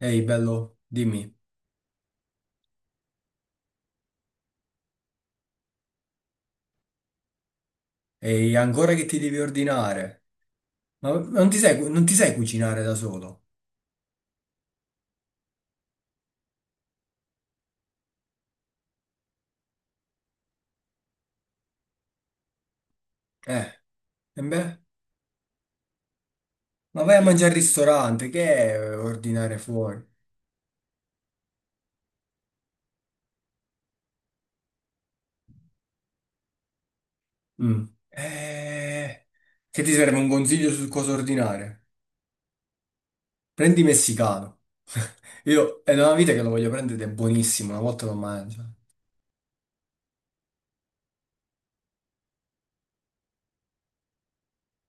Ehi, bello, dimmi. Ehi, ancora che ti devi ordinare? Ma non ti sai cucinare da solo? Eh, e beh, ma vai a mangiare al ristorante, che è ordinare fuori? Mm. Che ti serve un consiglio su cosa ordinare? Prendi messicano. Io è da una vita che lo voglio prendere ed è buonissimo, una volta lo mangio.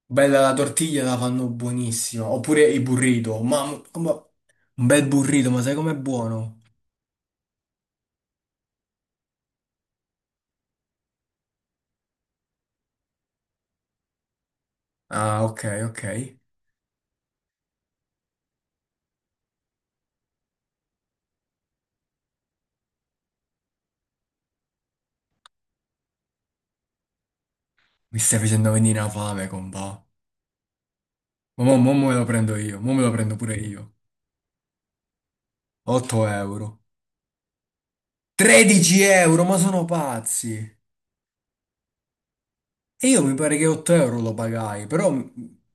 Bella la tortiglia, la fanno buonissima. Oppure il burrito, mamma, come- un bel burrito, ma sai com'è buono? Ah, ok, ok. Mi stai facendo venire la fame, compà. Ma mo, mo me lo prendo io, mo me lo prendo pure io. 8 euro. 13 euro, ma sono pazzi. E io mi pare che 8 euro lo pagai,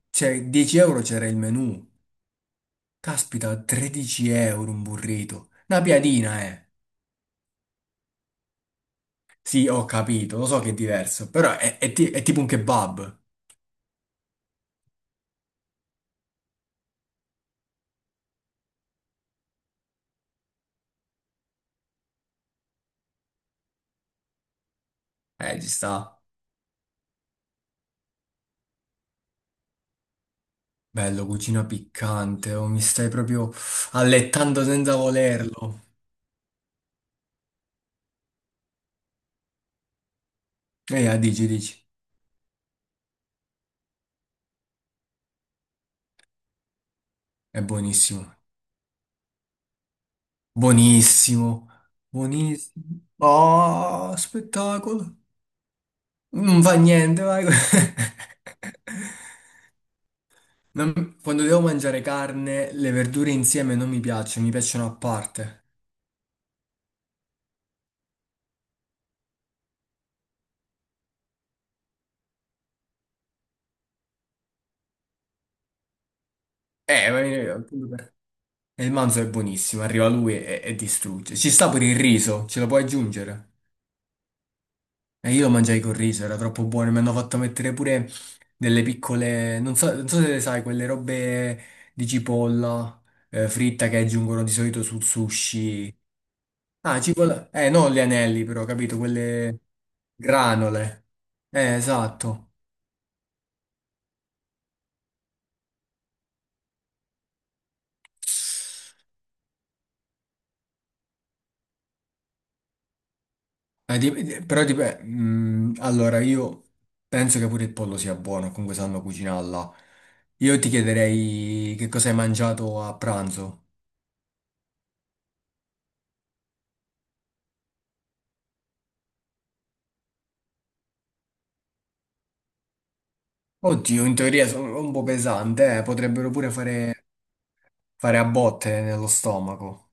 cioè, 10 euro c'era il menù. Caspita, 13 euro un burrito. Una piadina, eh. Sì, ho capito, lo so che è diverso, però è tipo un kebab. Ci sta. Bello, cucina piccante, oh, mi stai proprio allettando senza volerlo. Dici, dici. È buonissimo. Buonissimo, buonissimo. Oh, spettacolo. Non fa niente, vai. Non- quando devo mangiare carne, le verdure insieme non mi piacciono, mi piacciono a parte. Eh, ma- appunto per- e il manzo è buonissimo, arriva lui e distrugge. Ci sta pure il riso, ce lo puoi aggiungere. E io lo mangiai col riso, era troppo buono. Mi hanno fatto mettere pure delle piccole, non so, non so se le sai, quelle robe di cipolla fritta che aggiungono di solito sul sushi. Ah, cipolla. Non gli anelli, però, capito? Quelle granole. Esatto. Allora, io penso che pure il pollo sia buono, comunque sanno cucinarla. Io ti chiederei che cosa hai mangiato a pranzo. Oddio, in teoria sono un po' pesante, potrebbero pure fare, fare a botte nello stomaco.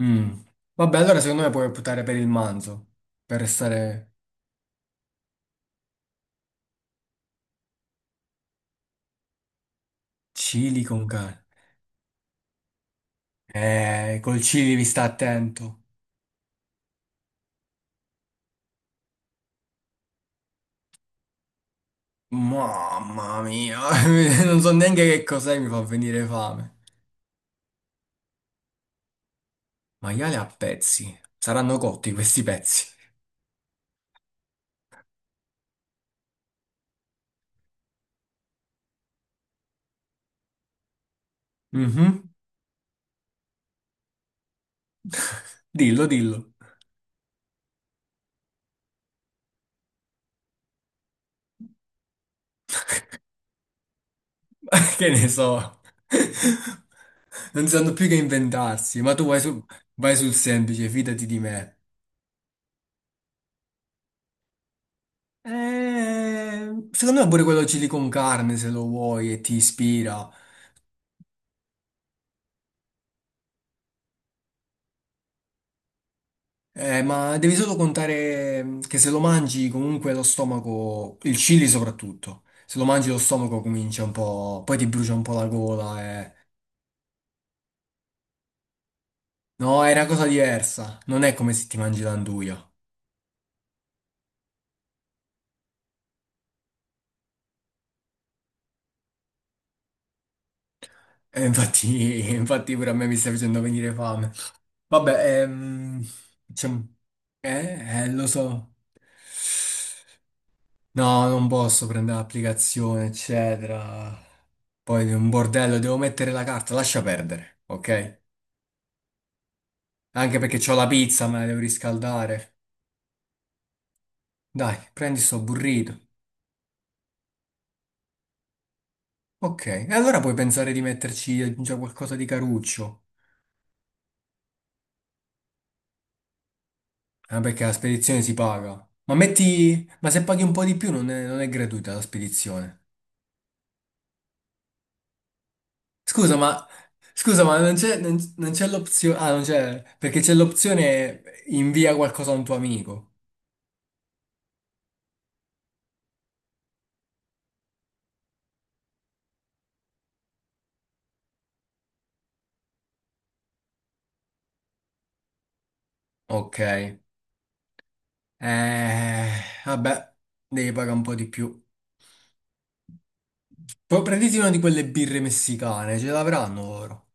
Mm. Vabbè, allora secondo me puoi optare per il manzo, per restare chili con carne. Col civi sta attento. Mamma mia, non so neanche che cos'è, mi fa venire fame. Maiale a pezzi. Saranno cotti questi pezzi. Mhm. Dillo, dillo. Che ne so. Non sanno più che inventarsi, ma tu vai, su- vai sul semplice, fidati di me. Secondo me pure quello chili con carne, se lo vuoi e ti ispira. Ma devi solo contare che se lo mangi comunque lo stomaco, il chili soprattutto, se lo mangi lo stomaco comincia un po', poi ti brucia un po' la gola. Eh. No, è una cosa diversa, non è come se ti mangi l'anduja. E infatti, infatti pure a me mi sta facendo venire fame. Vabbè, diciamo- lo so. No, non posso prendere l'applicazione, eccetera. Poi è un bordello, devo mettere la carta, lascia perdere, ok? Anche perché c'ho la pizza, me la devo riscaldare. Dai, prendi sto burrito. Ok, e allora puoi pensare di metterci già qualcosa di caruccio. Ah, perché la spedizione si paga. Ma metti... Ma se paghi un po' di più non è gratuita la spedizione. Scusa, ma... Scusa, ma non c'è l'opzione... Ah, non c'è... Perché c'è l'opzione invia qualcosa a un tuo amico. Ok. Eh... Vabbè, devi pagare un po' di più. Poi prenditi una di quelle birre messicane, ce l'avranno loro.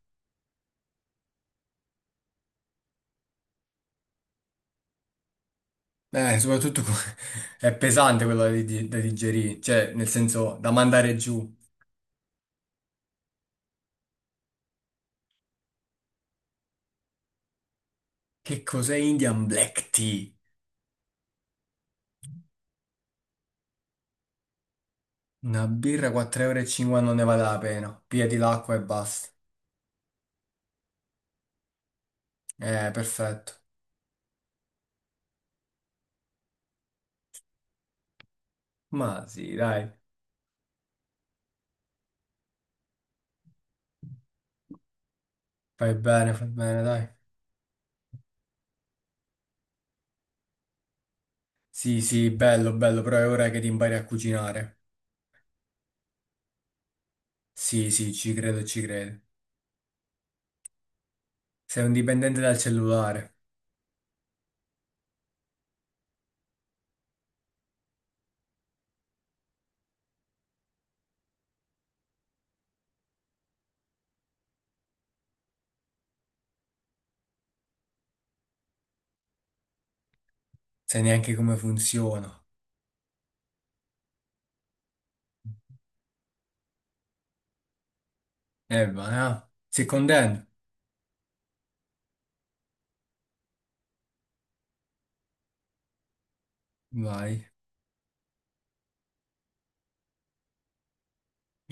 Soprattutto è pesante quello da digerire, cioè nel senso da mandare giù. Che cos'è Indian Black Tea? Una birra 4,50 euro e cinquanta non ne vale la pena. Pigliati l'acqua e basta. Perfetto. Ma sì, dai, fai bene, dai. Sì, sì, bello, bello, però è ora che ti impari a cucinare. Sì, sì, ci credo, ci credo. Sei un dipendente dal cellulare, sai neanche come funziona. Va, eh. Sei contento? Vai.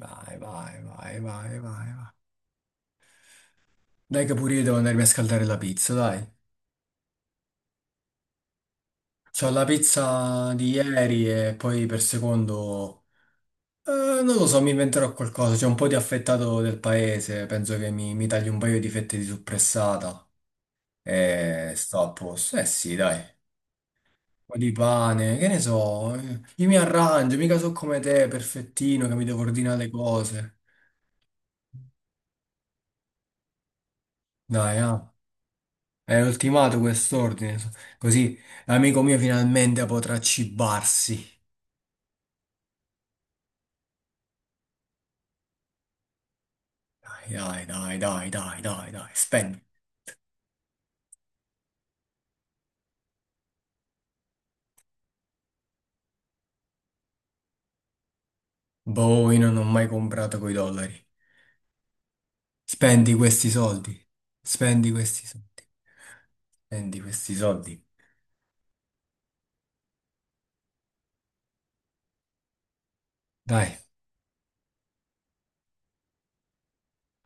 Vai, vai, vai, vai, vai, vai. Dai che pure io devo andarmi a scaldare la pizza, dai. C'ho la pizza di ieri e poi per secondo... eh, non lo so, mi inventerò qualcosa. C'è un po' di affettato del paese, penso che mi taglio un paio di fette di suppressata e sto a posto. Eh sì, dai. Un po' di pane, che ne so. Io mi arrangio, mica so come te, perfettino, che mi devo ordinare le cose. Dai, ah. È ultimato quest'ordine, so- così l'amico mio finalmente potrà cibarsi. Dai, dai, dai, dai, dai, dai, dai, spendi. Boh, io non ho mai comprato coi dollari. Spendi questi soldi. Spendi questi soldi. Spendi questi soldi. Dai,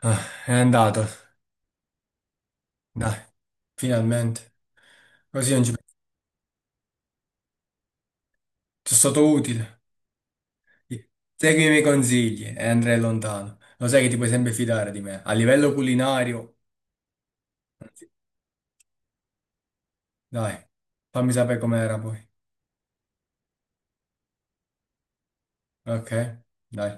ah, è andato. Dai, finalmente. Così non ci penso. Sono stato utile. Segui i miei consigli e andrai lontano. Lo sai che ti puoi sempre fidare di me. A livello culinario, dai, fammi sapere com'era poi. Ok, dai.